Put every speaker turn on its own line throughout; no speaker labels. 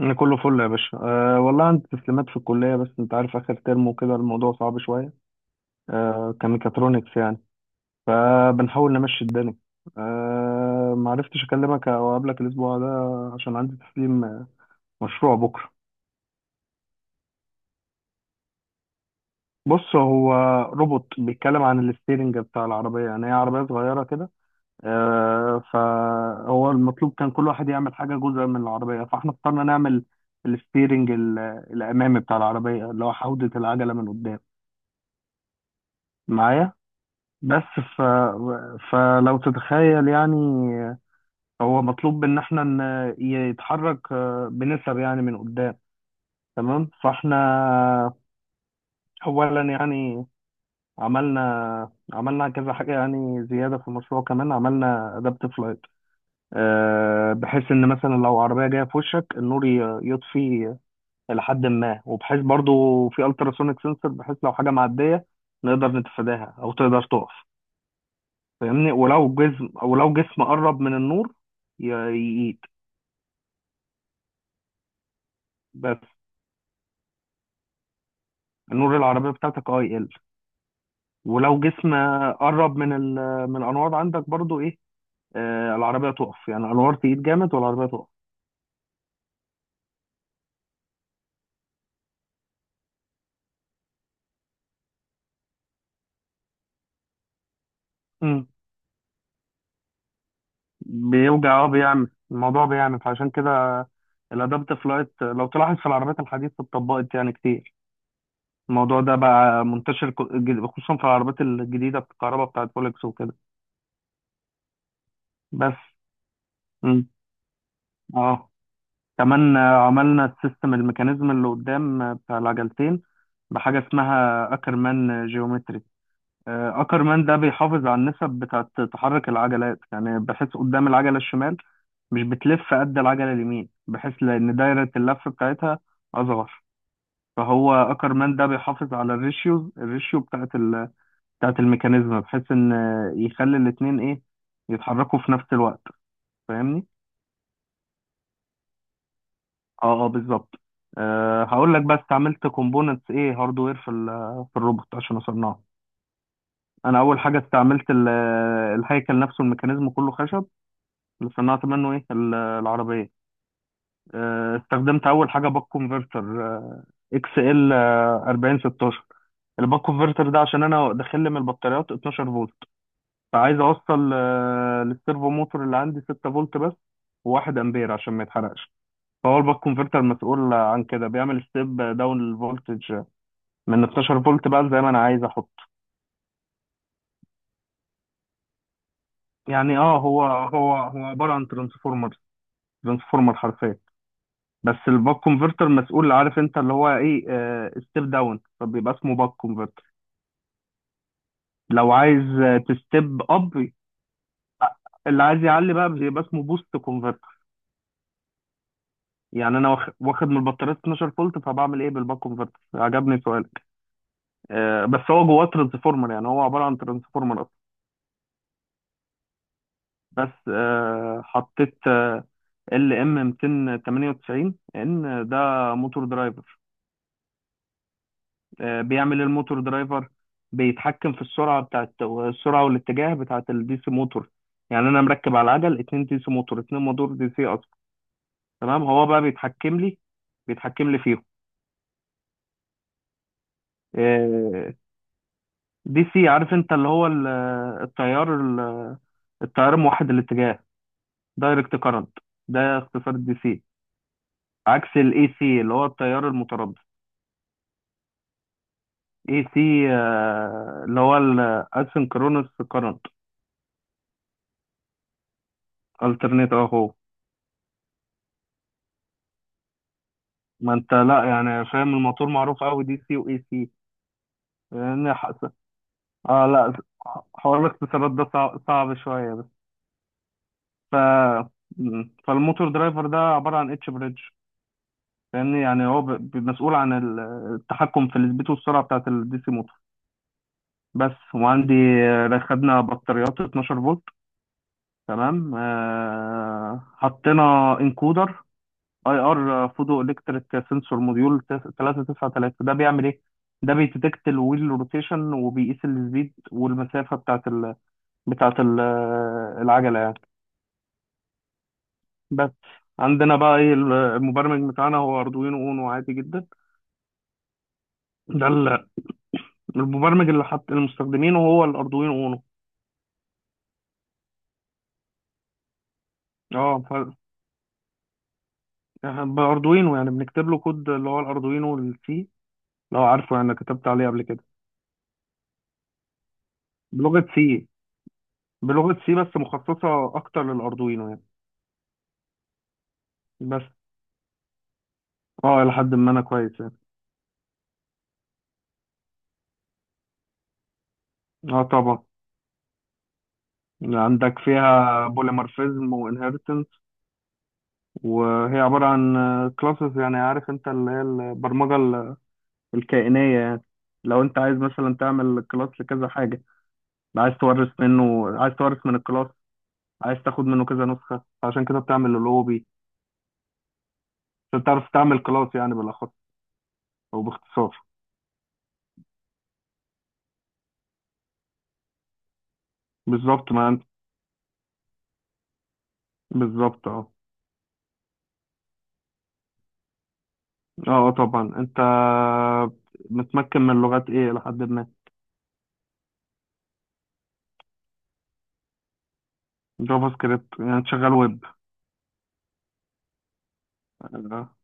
أنا كله فل يا باشا أه والله عندي تسليمات في الكلية بس أنت عارف آخر ترم وكده الموضوع صعب شوية. أه كميكاترونكس يعني. فبنحاول نمشي الدنيا. أه معرفتش أكلمك أو أقابلك الأسبوع ده عشان عندي تسليم مشروع بكرة. بص هو روبوت بيتكلم عن الستيرنج بتاع العربية، يعني هي عربية صغيرة كده. أه فهو المطلوب كان كل واحد يعمل حاجة جزء من العربية، فاحنا اخترنا نعمل الستيرنج ال- الأمامي بتاع العربية، اللي هو حوضة العجلة من قدام. معايا بس. ف... فلو تتخيل يعني هو مطلوب ان احنا يتحرك بنسب يعني من قدام. تمام، فاحنا اولا يعني عملنا كذا حاجه يعني زياده في المشروع. كمان عملنا ادابتيف لايت، بحيث ان مثلا لو عربيه جايه في وشك النور يطفي لحد ما، وبحيث برضو في التراسونيك سنسور، بحيث لو حاجه معديه نقدر نتفاداها او تقدر تقف. فاهمني؟ ولو جسم، ولو جسم قرب من النور يقيد. بس النور العربية بتاعتك اه يقل، ولو جسم قرب من من الأنوار عندك برضو إيه، آه، العربية تقف، يعني الأنوار تقيد جامد والعربية تقف. مم. بيوجع، اه، بيعمل الموضوع، بيعمل، فعشان كده الأدابتيف لايت لو تلاحظ في العربيات الحديثة اتطبقت يعني كتير. الموضوع ده بقى منتشر خصوصا في العربيات الجديدة، الكهرباء بتاعت فولكس وكده. بس. مم. اه، كمان عملنا السيستم، الميكانيزم اللي قدام بتاع العجلتين، بحاجة اسمها أكرمان جيومتري. أكرمان ده بيحافظ على النسب بتاعة تحرك العجلات، يعني بحيث قدام العجلة الشمال مش بتلف قد العجلة اليمين، بحيث لأن دايرة اللف بتاعتها أصغر. فهو أكرمان ده بيحافظ على الريشيو بتاعة بتاعة الميكانيزم، بحيث إن يخلي الاتنين إيه يتحركوا في نفس الوقت. فاهمني؟ اه اه بالظبط. أه هقول لك بس استعملت كومبوننتس ايه، هاردوير في في الروبوت عشان اصنعه. انا اول حاجه استعملت الهيكل نفسه، الميكانيزم كله خشب اللي صنعت منه ايه العربيه. أه استخدمت اول حاجه باك كونفرتر اكس ال 4016. الباك كونفرتر ده عشان انا داخل لي من البطاريات 12 فولت، فعايز اوصل للسيرفو موتور اللي عندي 6 فولت بس، و1 امبير عشان ما يتحرقش. فهو الباك كونفرتر مسؤول عن كده، بيعمل ستيب داون الفولتج من 12 فولت بقى زي ما انا عايز احط. يعني اه هو هو عباره عن ترانسفورمر، ترانسفورمر حرفيا. بس الباك كونفرتر مسؤول، عارف انت اللي هو ايه، ستيب داون، فبيبقى اسمه باك كونفرتر. لو عايز تستيب اب، اللي عايز يعلي بقى بيبقى اسمه بوست كونفرتر. يعني انا واخد من البطاريه 12 فولت، فبعمل ايه بالباك كونفرتر؟ عجبني سؤالك. بس هو جواه ترانسفورمر، يعني هو عباره عن ترانسفورمر. بس حطيت ال ام 298 ان، ده موتور درايفر. بيعمل إيه الموتور درايفر؟ بيتحكم في السرعه، بتاعت السرعه والاتجاه بتاعت الدي سي موتور. يعني انا مركب على العجل اتنين دي سي موتور، اتنين موتور دي سي اصلا. تمام، هو بقى بيتحكم لي بيتحكم لي فيهم. آه، دي سي عارف انت اللي هو التيار التيار موحد الاتجاه، دايركت كارنت، ده اختصار الدي سي. عكس الاي سي اللي هو التيار المتردد. اي سي اللي هو الاسynchronous current, alternate اهو. ما انت لا يعني فاهم، الموتور معروف قوي دي سي واي سي. لان حس... اه لا، حوار الاختصارات ده صعب، صعب شويه بس. ف مم. فالموتور درايفر ده عباره عن اتش بريدج، لان يعني هو مسؤول عن التحكم في السبيد والسرعه بتاعه الدي سي موتور بس. وعندي خدنا بطاريات 12 فولت. تمام، حطينا انكودر، اي ار فوتو الكتريك سنسور، موديول 393. ده بيعمل ايه؟ ده بيتدكت الويل روتيشن وبيقيس السبيد والمسافه بتاعت بتاعت العجله يعني. بس. عندنا بقى ايه، المبرمج بتاعنا هو اردوينو اونو عادي جدا. ده المبرمج اللي حط المستخدمين هو الاردوينو اونو. اه باردوينو، يعني بنكتب له كود اللي هو الاردوينو السي، لو عارفه يعني، كتبت عليه قبل كده. بلغه سي. بلغه سي بس مخصصه اكتر للاردوينو يعني. بس اه الى حد ما انا كويس يعني. اه طبعا. عندك فيها بوليمورفيزم وانهيرتنس، وهي عبارة عن كلاسز، يعني عارف انت اللي هي البرمجة الكائنية يعني. لو انت عايز مثلا تعمل كلاس لكذا حاجة، عايز تورث منه، عايز تورث من الكلاس، عايز تاخد منه كذا نسخة، عشان كده بتعمل اللوبي عشان تعرف تعمل كلاس يعني بالاخص، او باختصار. بالظبط، ما انت بالظبط اه اه. آه طبعا، انت متمكن من لغات ايه لحد ما؟ جافا سكريبت، يعني شغال ويب. آه.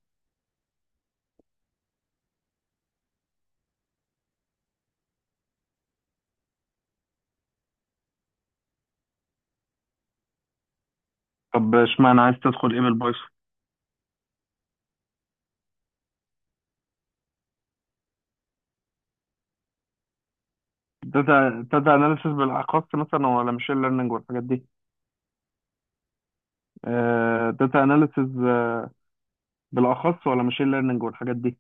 طب اشمعنى عايز تدخل ايه من البايثون؟ داتا اناليسيس بالاخص مثلا، ولا ماشين ليرنينج والحاجات دي؟ داتا اناليسيس بالاخص، ولا ماشين ليرنينج والحاجات دي؟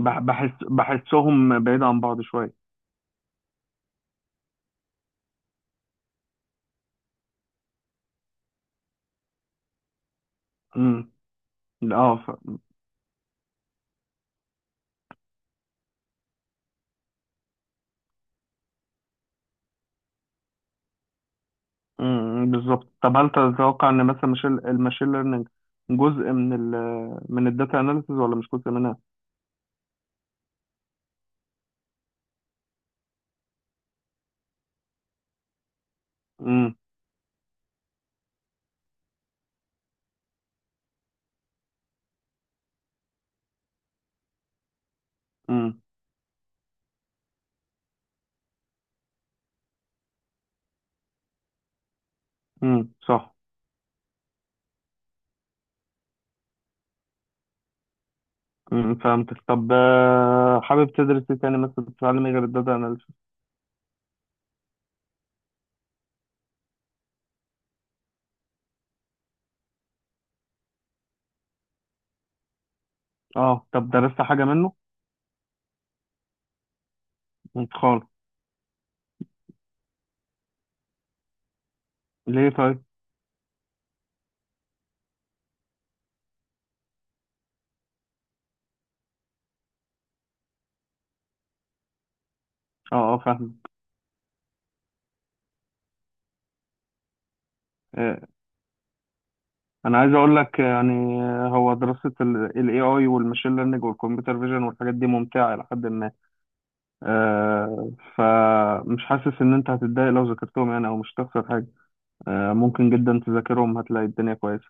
بحس بحسهم بعيد عن بعض شويه. امم. اه امم. بالظبط، طب هل تتوقع ان مثلا ماشين الماشين ليرنينج جزء من ال من الداتا اناليسيس ولا مش جزء منها؟ امم. امم. صح. امم، فهمتك. طب حابب تدرس ايه تاني مثلا، تتعلم ايه غير الداتا؟ اه، طب درست حاجة منه انت خالص؟ ليه طيب؟ اه اه فاهم. آه، انا عايز اقول لك يعني، هو دراسة ال AI والماشين ليرنينج والكمبيوتر فيجن والحاجات دي ممتعة الى حد ما. آه، فمش حاسس ان انت هتتضايق لو ذاكرتهم يعني، او مش هتخسر حاجة. آه، ممكن جدا تذاكرهم، هتلاقي الدنيا كويسة،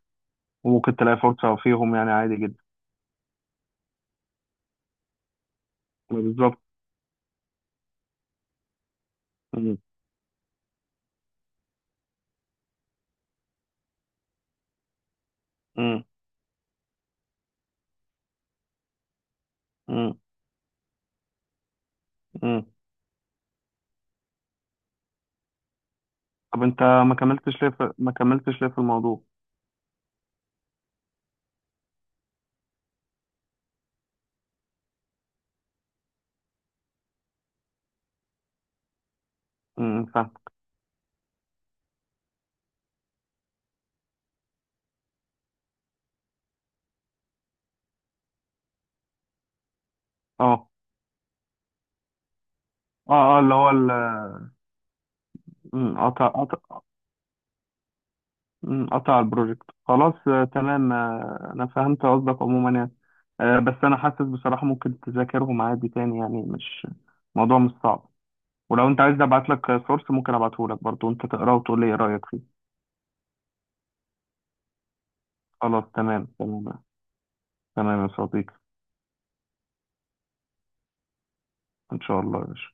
وممكن تلاقي فرصة فيهم يعني عادي جدا. يعني بالظبط. مم. مم. مم. مم. طب انت ما كملتش ليه في ما كملتش ليه في الموضوع؟ مم، فاهم. اه اه اه اللي هو مم، قطع، مم، قطع البروجكت خلاص. تمام، انا فهمت قصدك عموما يعني. بس انا حاسس بصراحة ممكن تذاكرهم عادي تاني يعني، مش موضوع، مش صعب. ولو انت عايز ابعت لك سورس ممكن ابعته لك برضه، انت تقراه وتقول لي ايه رأيك فيه. خلاص تمام تمام. تمام يا صديقي. ان شاء الله يا باشا.